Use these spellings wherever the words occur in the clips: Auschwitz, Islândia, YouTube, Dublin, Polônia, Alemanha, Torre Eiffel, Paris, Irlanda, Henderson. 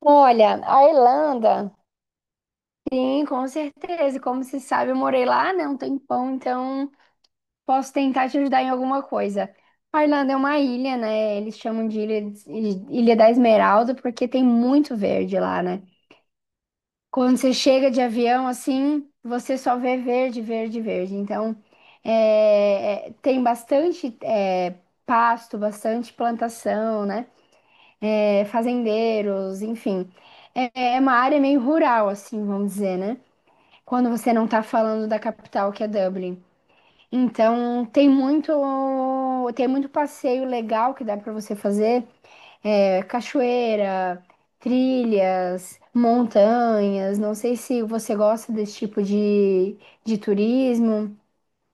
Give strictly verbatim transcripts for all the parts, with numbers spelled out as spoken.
Olha, a Irlanda, sim, com certeza. E como se sabe, eu morei lá, né, um tempão, então posso tentar te ajudar em alguma coisa. A Irlanda é uma ilha, né? Eles chamam de Ilha, Ilha da Esmeralda porque tem muito verde lá, né? Quando você chega de avião, assim, você só vê verde, verde, verde. Então, é, é, tem bastante é, pasto, bastante plantação, né? É, fazendeiros, enfim. É, é uma área meio rural, assim, vamos dizer, né? Quando você não tá falando da capital, que é Dublin. Então, tem muito, tem muito passeio legal que dá para você fazer, é, cachoeira, trilhas, montanhas. Não sei se você gosta desse tipo de, de turismo,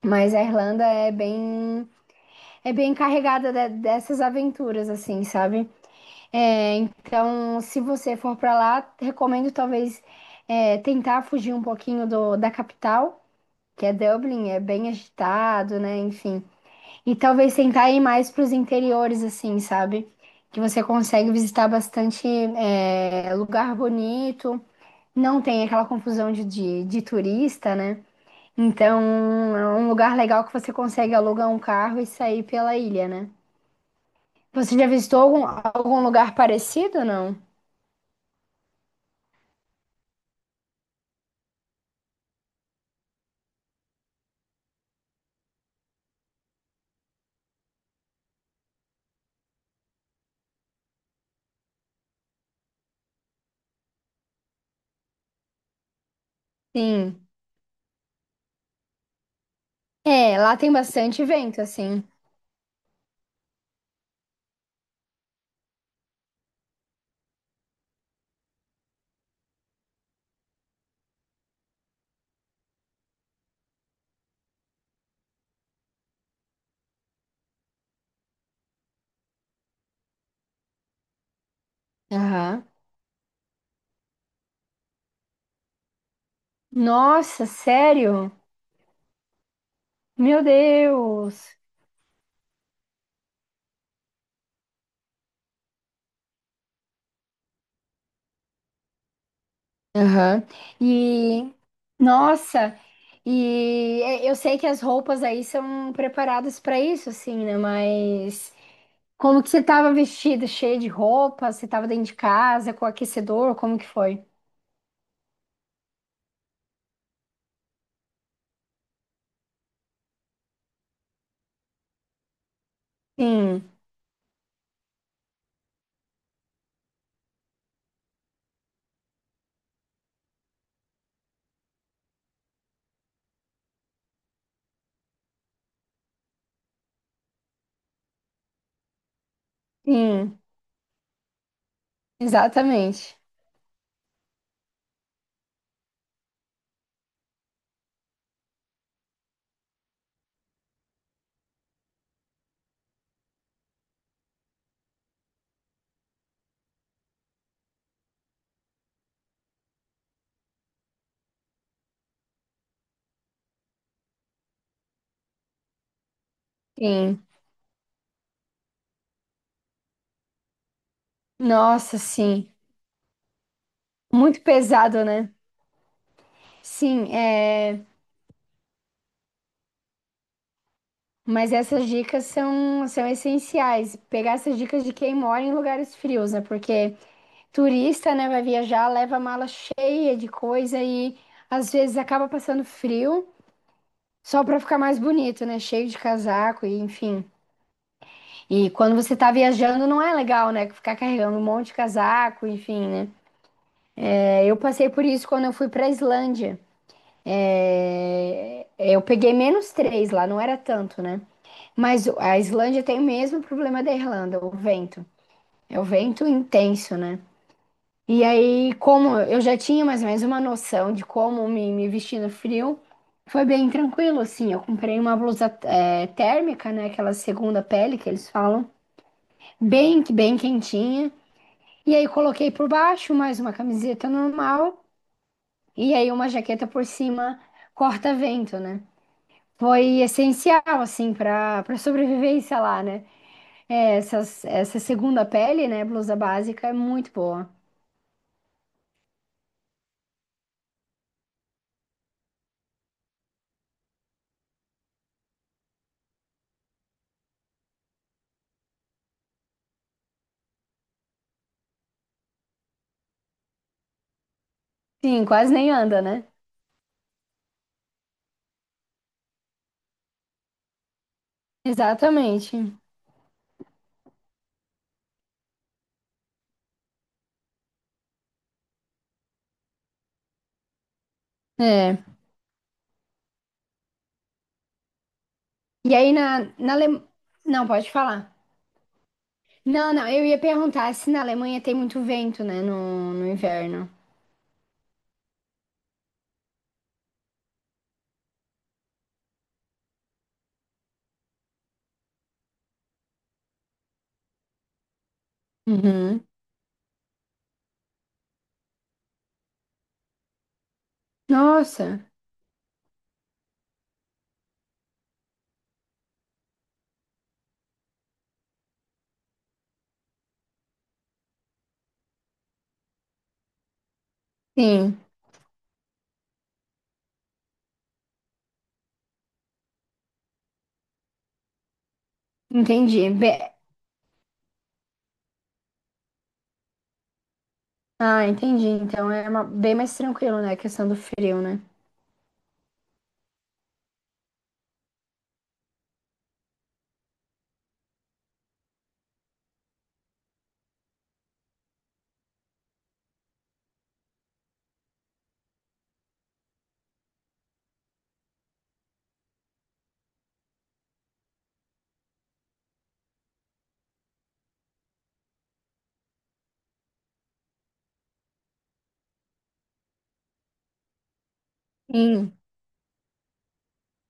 mas a Irlanda é bem, é bem carregada de- dessas aventuras, assim, sabe? É, então, se você for para lá, recomendo talvez é, tentar fugir um pouquinho do, da capital, que é Dublin, é bem agitado, né? Enfim. E talvez tentar ir mais para os interiores, assim, sabe? Que você consegue visitar bastante é, lugar bonito, não tem aquela confusão de, de, de turista, né? Então, é um lugar legal que você consegue alugar um carro e sair pela ilha, né? Você já visitou algum, algum lugar parecido, não? Sim. É, lá tem bastante vento, assim. Aham. Nossa, sério? Meu Deus! Aham. E, nossa, e é, eu sei que as roupas aí são preparadas para isso, assim, né? Mas como que você tava vestida, cheia de roupa? Você tava dentro de casa, com aquecedor? Como que foi? Sim, sim, exatamente. Sim. Nossa, sim. Muito pesado, né? Sim, é. Mas essas dicas são, são essenciais. Pegar essas dicas de quem mora em lugares frios, né? Porque turista, né, vai viajar, leva a mala cheia de coisa e às vezes acaba passando frio só para ficar mais bonito, né? Cheio de casaco e enfim. E quando você tá viajando, não é legal, né? Ficar carregando um monte de casaco, enfim, né? É, eu passei por isso quando eu fui pra Islândia. É, eu peguei menos três lá, não era tanto, né? Mas a Islândia tem o mesmo problema da Irlanda, o vento. É o vento intenso, né? E aí, como eu já tinha mais ou menos uma noção de como me, me vestir no frio, foi bem tranquilo, assim. Eu comprei uma blusa é, térmica, né? Aquela segunda pele que eles falam, bem, bem quentinha. E aí, coloquei por baixo mais uma camiseta normal e aí uma jaqueta por cima corta-vento, né? Foi essencial, assim, para para sobrevivência lá, né? É, essas, essa segunda pele, né, blusa básica, é muito boa. Sim, quase nem anda, né? Exatamente. É. E aí na, na Ale... Não, pode falar. Não, não, eu ia perguntar se na Alemanha tem muito vento, né, no, no inverno. Uhum. Nossa, sim, entendi. Be- Ah, entendi. Então é uma- bem mais tranquilo, né, a questão do frio, né? Sim.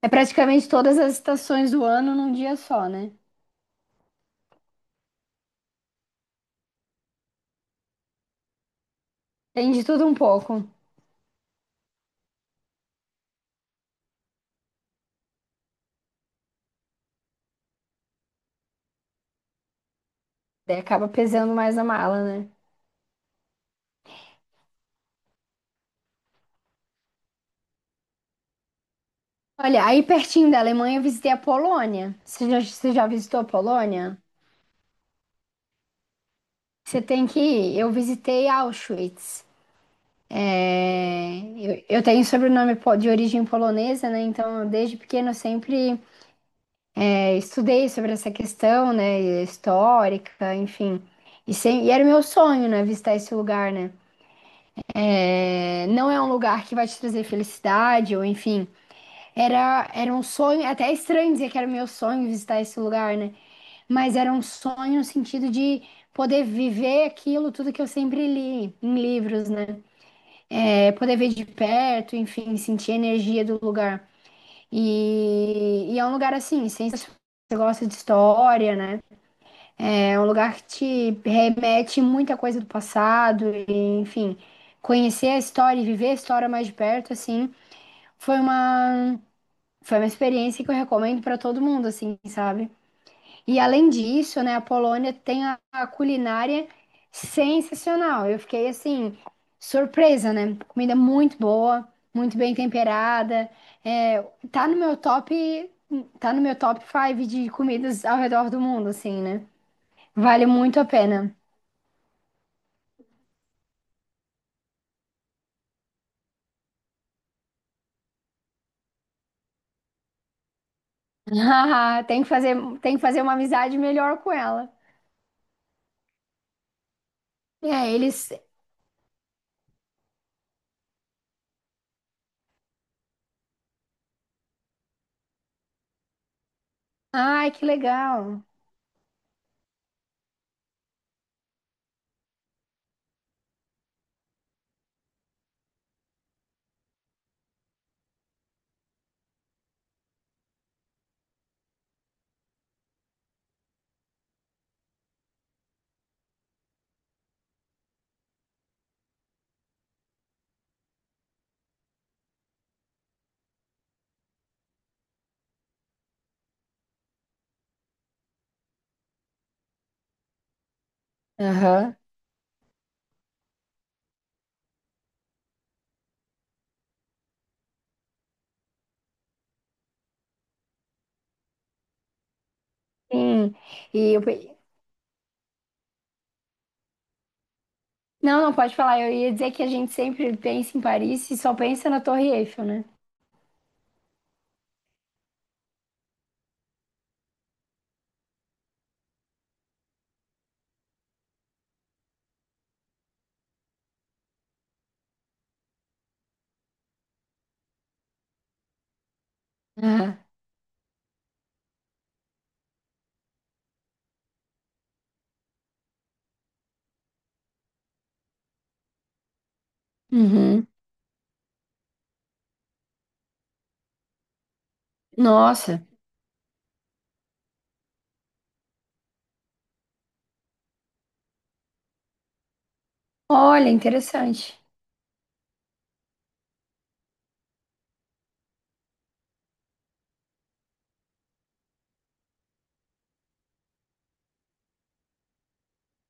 É praticamente todas as estações do ano num dia só, né? Tem de tudo um pouco. Daí acaba pesando mais a mala, né? Olha, aí pertinho da Alemanha eu visitei a Polônia. Você já, você já visitou a Polônia? Você tem que ir. Eu visitei Auschwitz. É, eu, eu tenho sobrenome po- de origem polonesa, né? Então, desde pequeno eu sempre é, estudei sobre essa questão, né? Histórica, enfim. E, sem- e era o meu sonho, né? Visitar esse lugar, né? É, não é um lugar que vai te trazer felicidade, ou enfim. Era, era um sonho, é até é estranho dizer que era o meu sonho visitar esse lugar, né? Mas era um sonho no sentido de poder viver aquilo, tudo que eu sempre li em livros, né? É, poder ver de perto, enfim, sentir a energia do lugar. E, e é um lugar assim, sensacional. Você gosta de história, né? É um lugar que te remete muita coisa do passado, e, enfim, conhecer a história e viver a história mais de perto, assim, foi uma, foi uma experiência que eu recomendo para todo mundo, assim, sabe? E além disso, né, a Polônia tem a, a culinária sensacional. Eu fiquei assim, surpresa, né? Comida muito boa, muito bem temperada. É, tá no meu top, tá no meu top cinco de comidas ao redor do mundo, assim, né? Vale muito a pena. Tem que fazer, tem que fazer uma amizade melhor com ela. É, eles. Ai, que legal. Aham. Sim. E eu, pe- Não, não pode falar. Eu ia dizer que a gente sempre pensa em Paris e só pensa na Torre Eiffel, né? Ah, uhum. Nossa. Olha, interessante.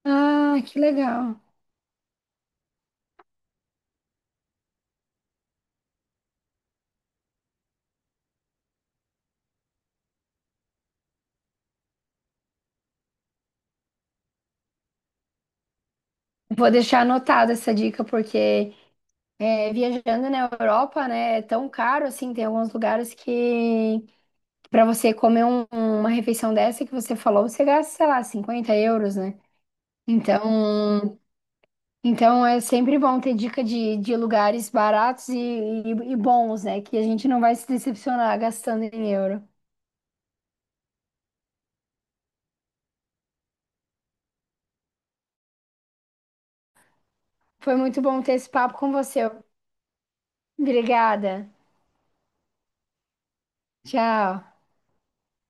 Ah, que legal. Vou deixar anotada essa dica, porque é, viajando na Europa, né, é tão caro assim, tem alguns lugares que para você comer um- uma refeição dessa que você falou, você gasta, sei lá, cinquenta euros, né? Então, então é sempre bom ter dica de, de lugares baratos e, e- e bons, né? Que a gente não vai se decepcionar gastando em euro. Foi muito bom ter esse papo com você. Obrigada. Tchau.